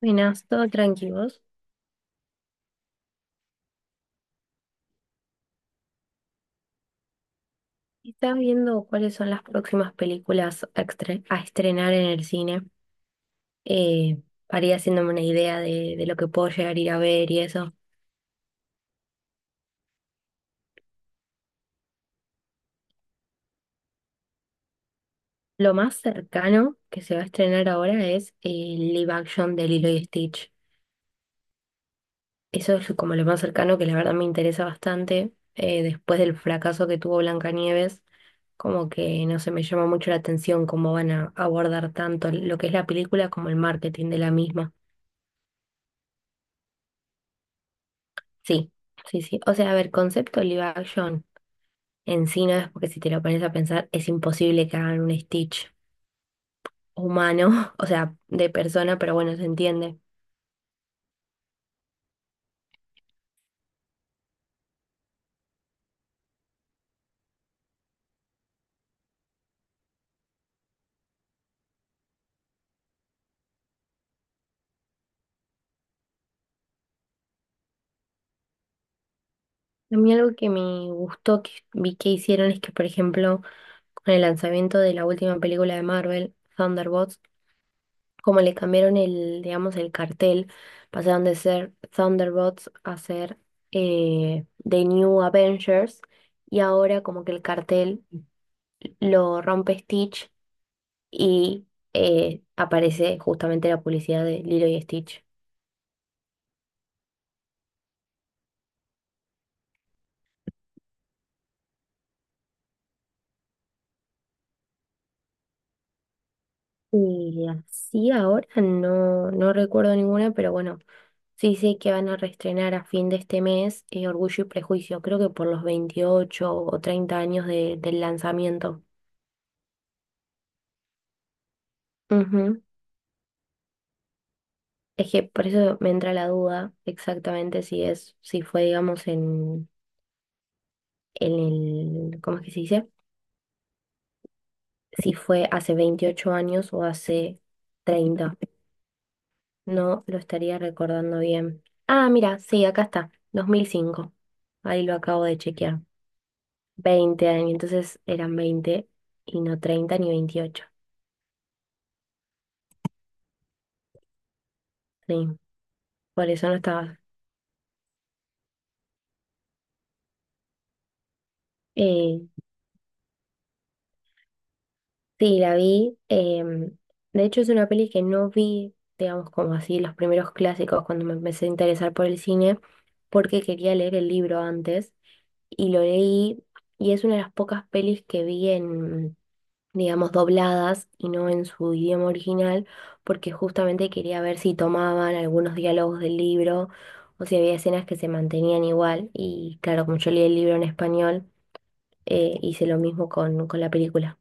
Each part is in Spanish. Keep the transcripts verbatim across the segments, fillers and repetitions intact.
Buenas, todo tranquilos. ¿Estás viendo cuáles son las próximas películas a, estre- a estrenar en el cine? Eh, para ir haciéndome una idea de, de lo que puedo llegar a ir a ver y eso. Lo más cercano que se va a estrenar ahora es el live action de Lilo y Stitch. Eso es como lo más cercano que la verdad me interesa bastante. Eh, después del fracaso que tuvo Blancanieves, como que no se me llama mucho la atención cómo van a abordar tanto lo que es la película como el marketing de la misma. Sí, sí, sí. O sea, a ver, concepto live action en sí no es porque si te lo pones a pensar es imposible que hagan un Stitch humano, o sea, de persona, pero bueno, se entiende. A mí algo que me gustó que vi que hicieron es que, por ejemplo, con el lanzamiento de la última película de Marvel, Thunderbolts, como le cambiaron el, digamos, el cartel, pasaron de ser Thunderbolts a ser eh, The New Avengers, y ahora como que el cartel lo rompe Stitch y eh, aparece justamente la publicidad de Lilo y Stitch. Y así ahora no, no recuerdo ninguna, pero bueno, sí sé que van a reestrenar a fin de este mes eh, Orgullo y Prejuicio, creo que por los veintiocho o treinta años de- del lanzamiento. Ujú. Es que por eso me entra la duda exactamente si es, si fue, digamos, en, en el, ¿cómo es que se dice? Si fue hace veintiocho años o hace treinta. No lo estaría recordando bien. Ah, mira, sí, acá está, dos mil cinco. Ahí lo acabo de chequear. Veinte años, entonces eran veinte y no treinta ni veintiocho. Sí, por eso no estaba. Eh, sí, la vi. em, de hecho, es una peli que no vi, digamos, como así, los primeros clásicos cuando me empecé a interesar por el cine, porque quería leer el libro antes y lo leí, y es una de las pocas pelis que vi en, digamos, dobladas y no en su idioma original, porque justamente quería ver si tomaban algunos diálogos del libro o si había escenas que se mantenían igual. Y claro, como yo leí el libro en español, eh, hice lo mismo con, con la película.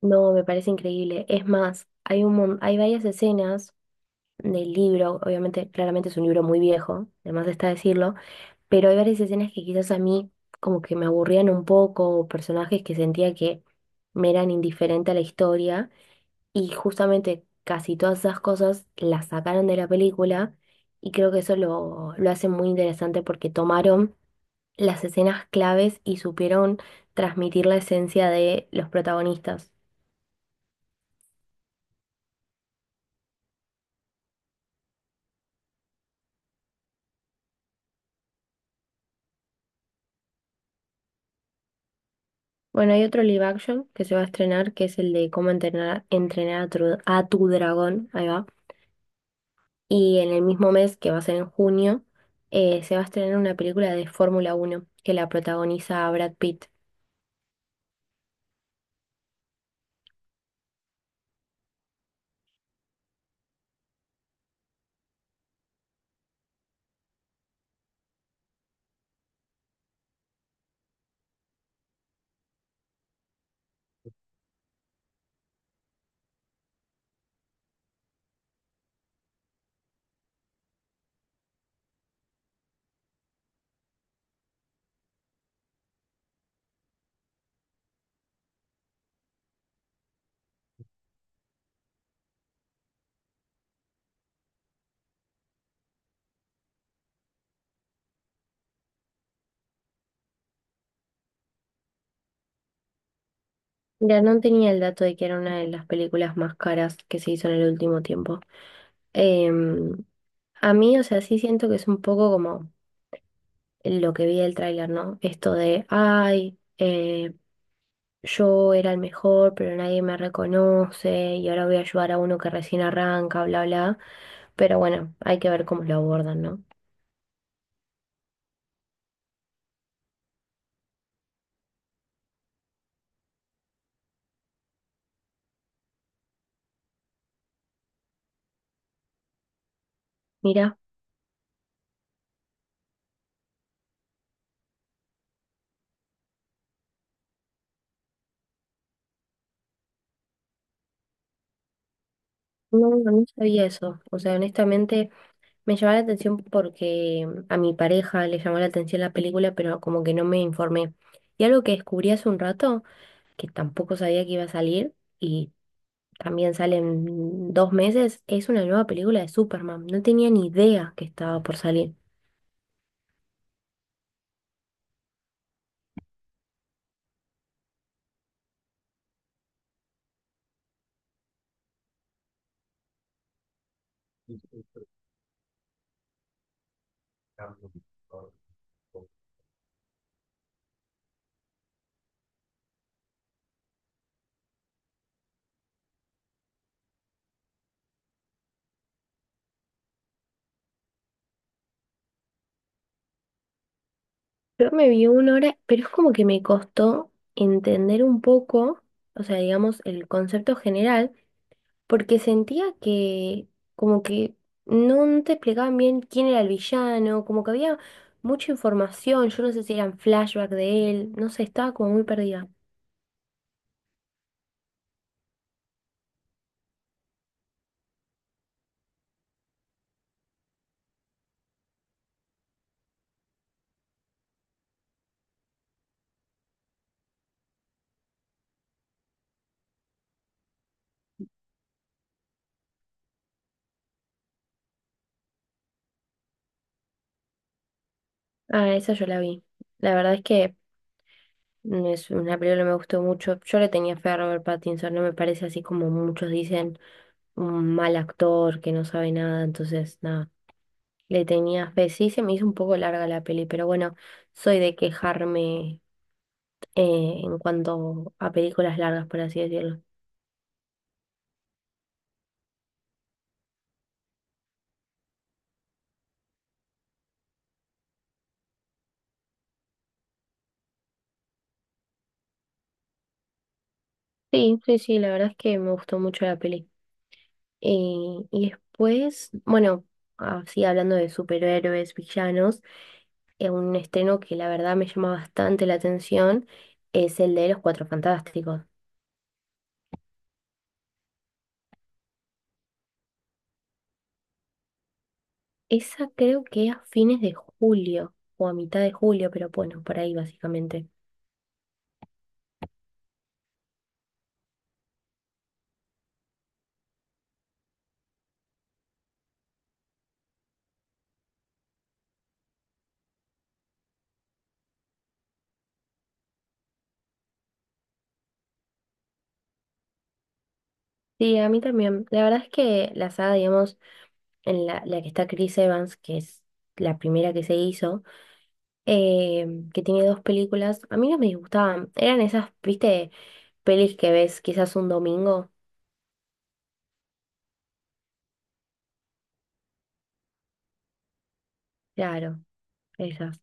No, me parece increíble. Es más, hay un, mon- hay varias escenas del libro. Obviamente, claramente es un libro muy viejo, además está decirlo, pero hay varias escenas que quizás a mí como que me aburrían un poco, o personajes que sentía que me eran indiferente a la historia. Y justamente casi todas esas cosas las sacaron de la película, y creo que eso lo, lo hace muy interesante porque tomaron las escenas claves y supieron transmitir la esencia de los protagonistas. Bueno, hay otro live action que se va a estrenar que es el de cómo entrenar, entrenar, a tu, a tu dragón, ahí va. Y en el mismo mes, que va a ser en junio, eh, se va a estrenar una película de Fórmula uno que la protagoniza Brad Pitt. Mira, no tenía el dato de que era una de las películas más caras que se hizo en el último tiempo. Em, a mí, o sea, sí siento que es un poco como lo que vi del tráiler, ¿no? Esto de, ay, eh, yo era el mejor, pero nadie me reconoce y ahora voy a ayudar a uno que recién arranca, bla, bla. Pero bueno, hay que ver cómo lo abordan, ¿no? Mira, no, no sabía eso. O sea, honestamente me llamó la atención porque mm, a mi pareja le llamó la atención la película, pero como que no me informé. Y algo que descubrí hace un rato, que tampoco sabía que iba a salir, y también sale en dos meses, es una nueva película de Superman. No tenía ni idea que estaba por salir. Yo me vi una hora, pero es como que me costó entender un poco, o sea, digamos, el concepto general, porque sentía que como que no, no te explicaban bien quién era el villano, como que había mucha información, yo no sé si eran flashback de él, no sé, estaba como muy perdida. Ah, esa yo la vi. La verdad es que mm, es una película que me gustó mucho. Yo le tenía fe a Robert Pattinson, no me parece así como muchos dicen, un mal actor que no sabe nada, entonces nada, le tenía fe. Sí, se me hizo un poco larga la peli, pero bueno, soy de quejarme eh, en cuanto a películas largas, por así decirlo. Sí, sí, sí, la verdad es que me gustó mucho la peli. Eh, y después, bueno, así hablando de superhéroes, villanos, eh, un estreno que la verdad me llama bastante la atención es el de Los Cuatro Fantásticos. Esa creo que a fines de julio o a mitad de julio, pero bueno, por ahí básicamente. Sí, a mí también. La verdad es que la saga, digamos, en la, la que está Chris Evans, que es la primera que se hizo, eh, que tiene dos películas. A mí no me disgustaban. Eran esas, viste, pelis que ves quizás un domingo. Claro, esas.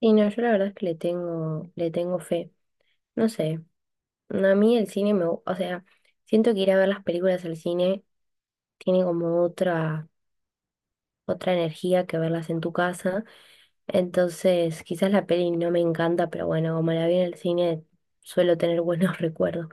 Y no, yo la verdad es que le tengo, le tengo fe. No sé, a mí el cine me, gu- o sea, siento que ir a ver las películas al cine tiene como otra, otra energía que verlas en tu casa. Entonces, quizás la peli no me encanta, pero bueno, como la vi en el cine, suelo tener buenos recuerdos.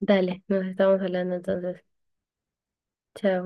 Dale, nos estamos hablando entonces. Chao.